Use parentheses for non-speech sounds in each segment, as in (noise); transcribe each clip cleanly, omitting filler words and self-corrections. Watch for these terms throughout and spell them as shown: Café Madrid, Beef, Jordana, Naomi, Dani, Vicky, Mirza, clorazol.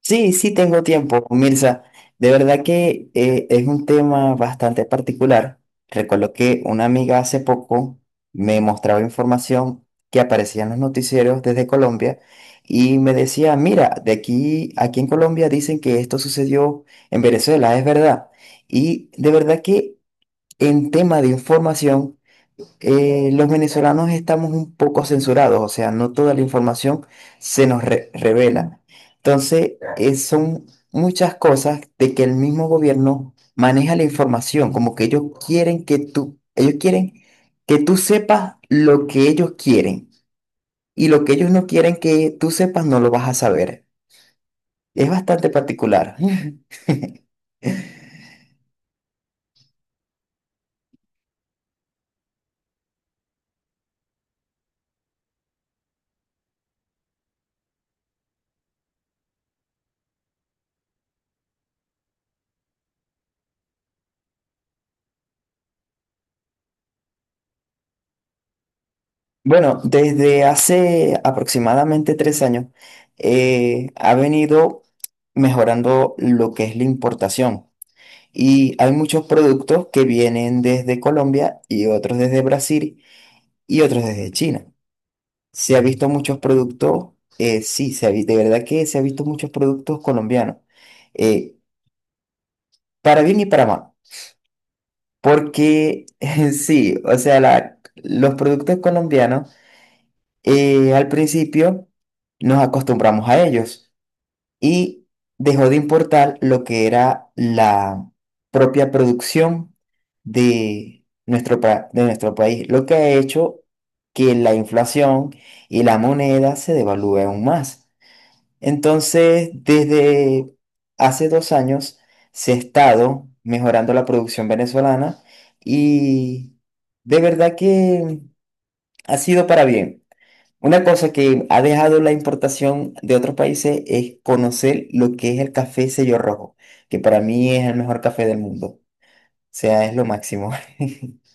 Sí, sí tengo tiempo, Mirza. De verdad que es un tema bastante particular. Recuerdo que una amiga hace poco me mostraba información que aparecía en los noticieros desde Colombia y me decía, mira, aquí en Colombia dicen que esto sucedió en Venezuela, es verdad. Y de verdad que en tema de información los venezolanos estamos un poco censurados, o sea, no toda la información se nos revela. Entonces, son muchas cosas de que el mismo gobierno maneja la información, como que ellos quieren que tú sepas lo que ellos quieren y lo que ellos no quieren que tú sepas no lo vas a saber. Es bastante particular. (laughs) Bueno, desde hace aproximadamente 3 años ha venido mejorando lo que es la importación, y hay muchos productos que vienen desde Colombia y otros desde Brasil y otros desde China. Se ha visto muchos productos, sí, de verdad que se ha visto muchos productos colombianos, eh, para bien y para mal, porque (laughs) sí, o sea, los productos colombianos al principio nos acostumbramos a ellos y dejó de importar lo que era la propia producción de de nuestro país, lo que ha hecho que la inflación y la moneda se devalúe aún más. Entonces, desde hace 2 años se ha estado mejorando la producción venezolana y de verdad que ha sido para bien. Una cosa que ha dejado la importación de otros países es conocer lo que es el café sello rojo, que para mí es el mejor café del mundo. O sea, es lo máximo. (laughs)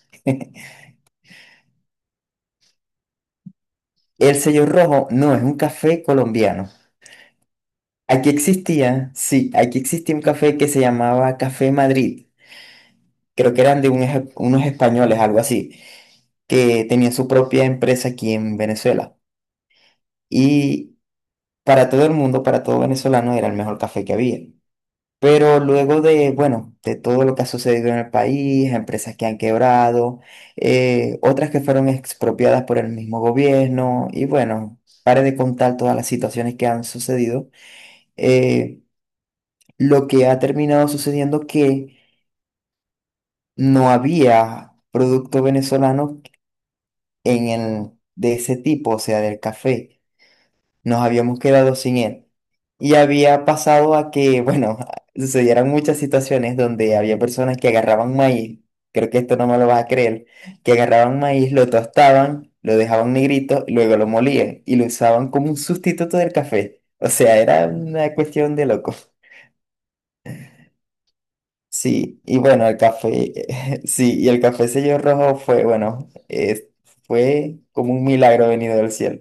El sello rojo no es un café colombiano. Aquí existía, sí, aquí existía un café que se llamaba Café Madrid. Creo que eran de unos españoles, algo así, que tenía su propia empresa aquí en Venezuela. Y para todo el mundo, para todo venezolano, era el mejor café que había. Pero luego de, bueno, de todo lo que ha sucedido en el país, empresas que han quebrado, otras que fueron expropiadas por el mismo gobierno, y bueno, pare de contar todas las situaciones que han sucedido, eh, lo que ha terminado sucediendo que no había producto venezolano en de ese tipo, o sea, del café. Nos habíamos quedado sin él. Y había pasado a que, bueno, (laughs) sucedieran muchas situaciones donde había personas que agarraban maíz, creo que esto no me lo vas a creer, que agarraban maíz, lo tostaban, lo dejaban negrito, y luego lo molían y lo usaban como un sustituto del café. O sea, era una cuestión de loco. Sí, y bueno, (laughs) sí, y el café sello rojo fue, bueno, fue como un milagro venido del cielo.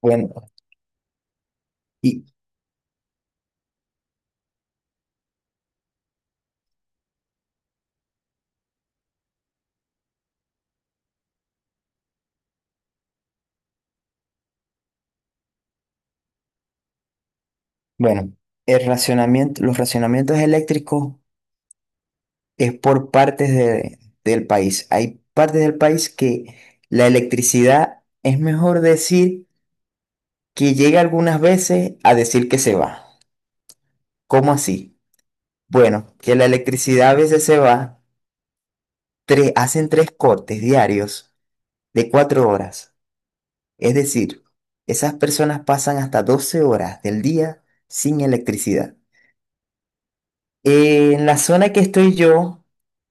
Bueno, y, Bueno, el racionamiento, los racionamientos eléctricos es por del país. Hay partes del país que la electricidad es mejor decir que llega algunas veces a decir que se va. ¿Cómo así? Bueno, que la electricidad a veces se va, hacen tres cortes diarios de 4 horas. Es decir, esas personas pasan hasta 12 horas del día sin electricidad. En la zona que estoy yo,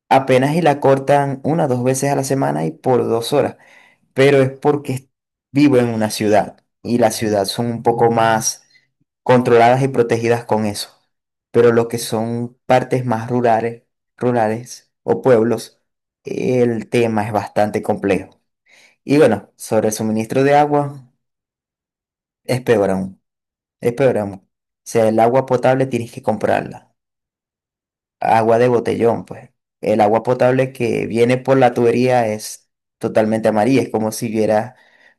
apenas y la cortan una o dos veces a la semana y por 2 horas. Pero es porque vivo en una ciudad y las ciudades son un poco más controladas y protegidas con eso. Pero lo que son partes más rurales, rurales o pueblos, el tema es bastante complejo. Y bueno, sobre el suministro de agua, es peor aún, es peor aún. O sea, el agua potable tienes que comprarla. Agua de botellón, pues. El agua potable que viene por la tubería es totalmente amarilla, es como si hubiera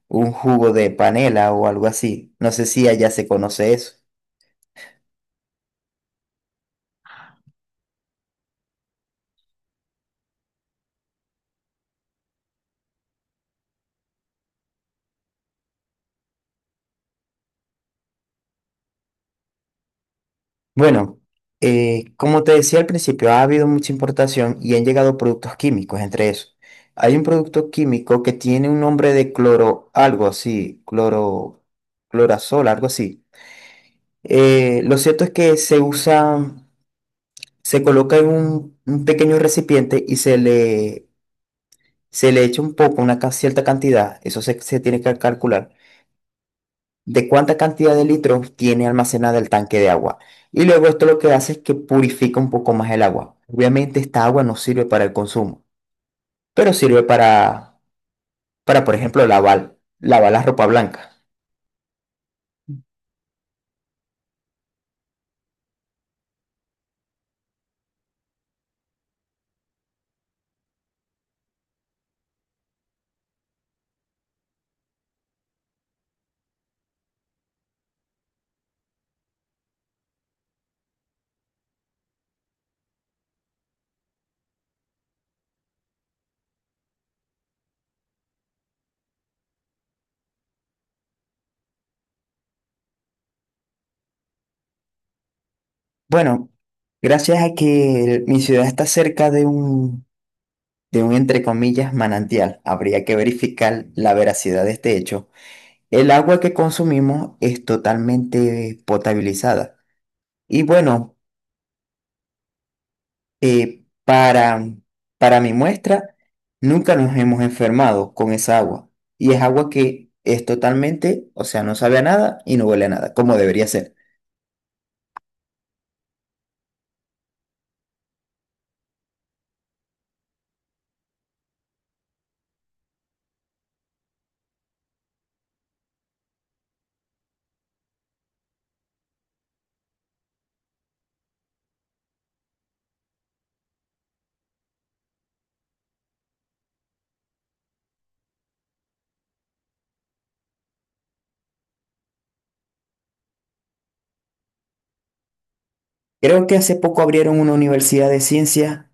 un jugo de panela o algo así. No sé si allá se conoce eso. Bueno, como te decía al principio, ha habido mucha importación y han llegado productos químicos entre esos. Hay un producto químico que tiene un nombre de cloro, algo así, cloro, clorazol, algo así. Lo cierto es que se coloca en un pequeño recipiente y se le echa un poco, cierta cantidad, eso se tiene que calcular, de cuánta cantidad de litros tiene almacenada el tanque de agua. Y luego esto lo que hace es que purifica un poco más el agua. Obviamente esta agua no sirve para el consumo, pero sirve para por ejemplo, lavar, lavar la ropa blanca. Bueno, gracias a que mi ciudad está cerca de un, entre comillas, manantial, habría que verificar la veracidad de este hecho. El agua que consumimos es totalmente potabilizada. Y bueno, eh, para, para mi muestra, nunca nos hemos enfermado con esa agua. Y es agua que es totalmente, o sea, no sabe a nada y no huele a nada, como debería ser. Creo que hace poco abrieron una universidad de ciencias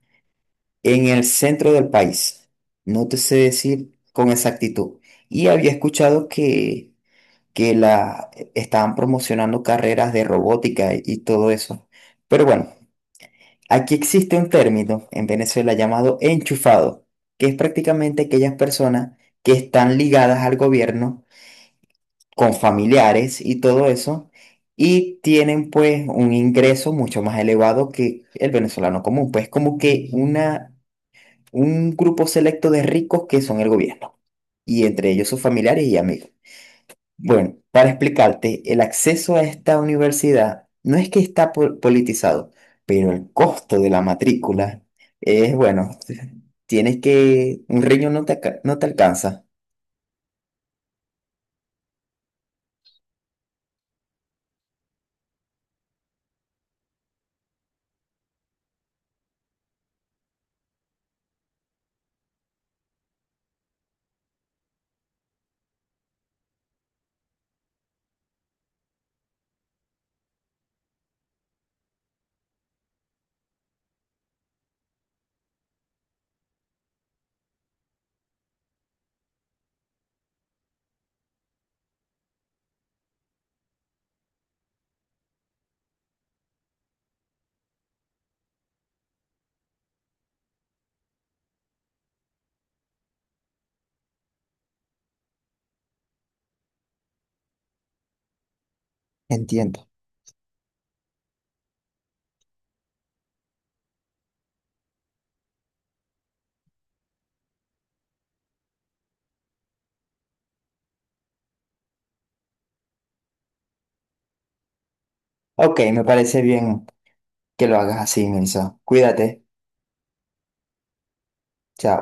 en el centro del país. No te sé decir con exactitud. Y había escuchado que la estaban promocionando carreras de robótica y todo eso. Pero bueno, aquí existe un término en Venezuela llamado enchufado, que es prácticamente aquellas personas que están ligadas al gobierno con familiares y todo eso, y tienen pues un ingreso mucho más elevado que el venezolano común, pues como que un grupo selecto de ricos que son el gobierno, y entre ellos sus familiares y amigos. Bueno, para explicarte, el acceso a esta universidad no es que está politizado, pero el costo de la matrícula es, bueno, (laughs) tienes que, un riñón no te, no te alcanza. Entiendo. Ok, me parece bien que lo hagas así, Melissa. Cuídate. Chao.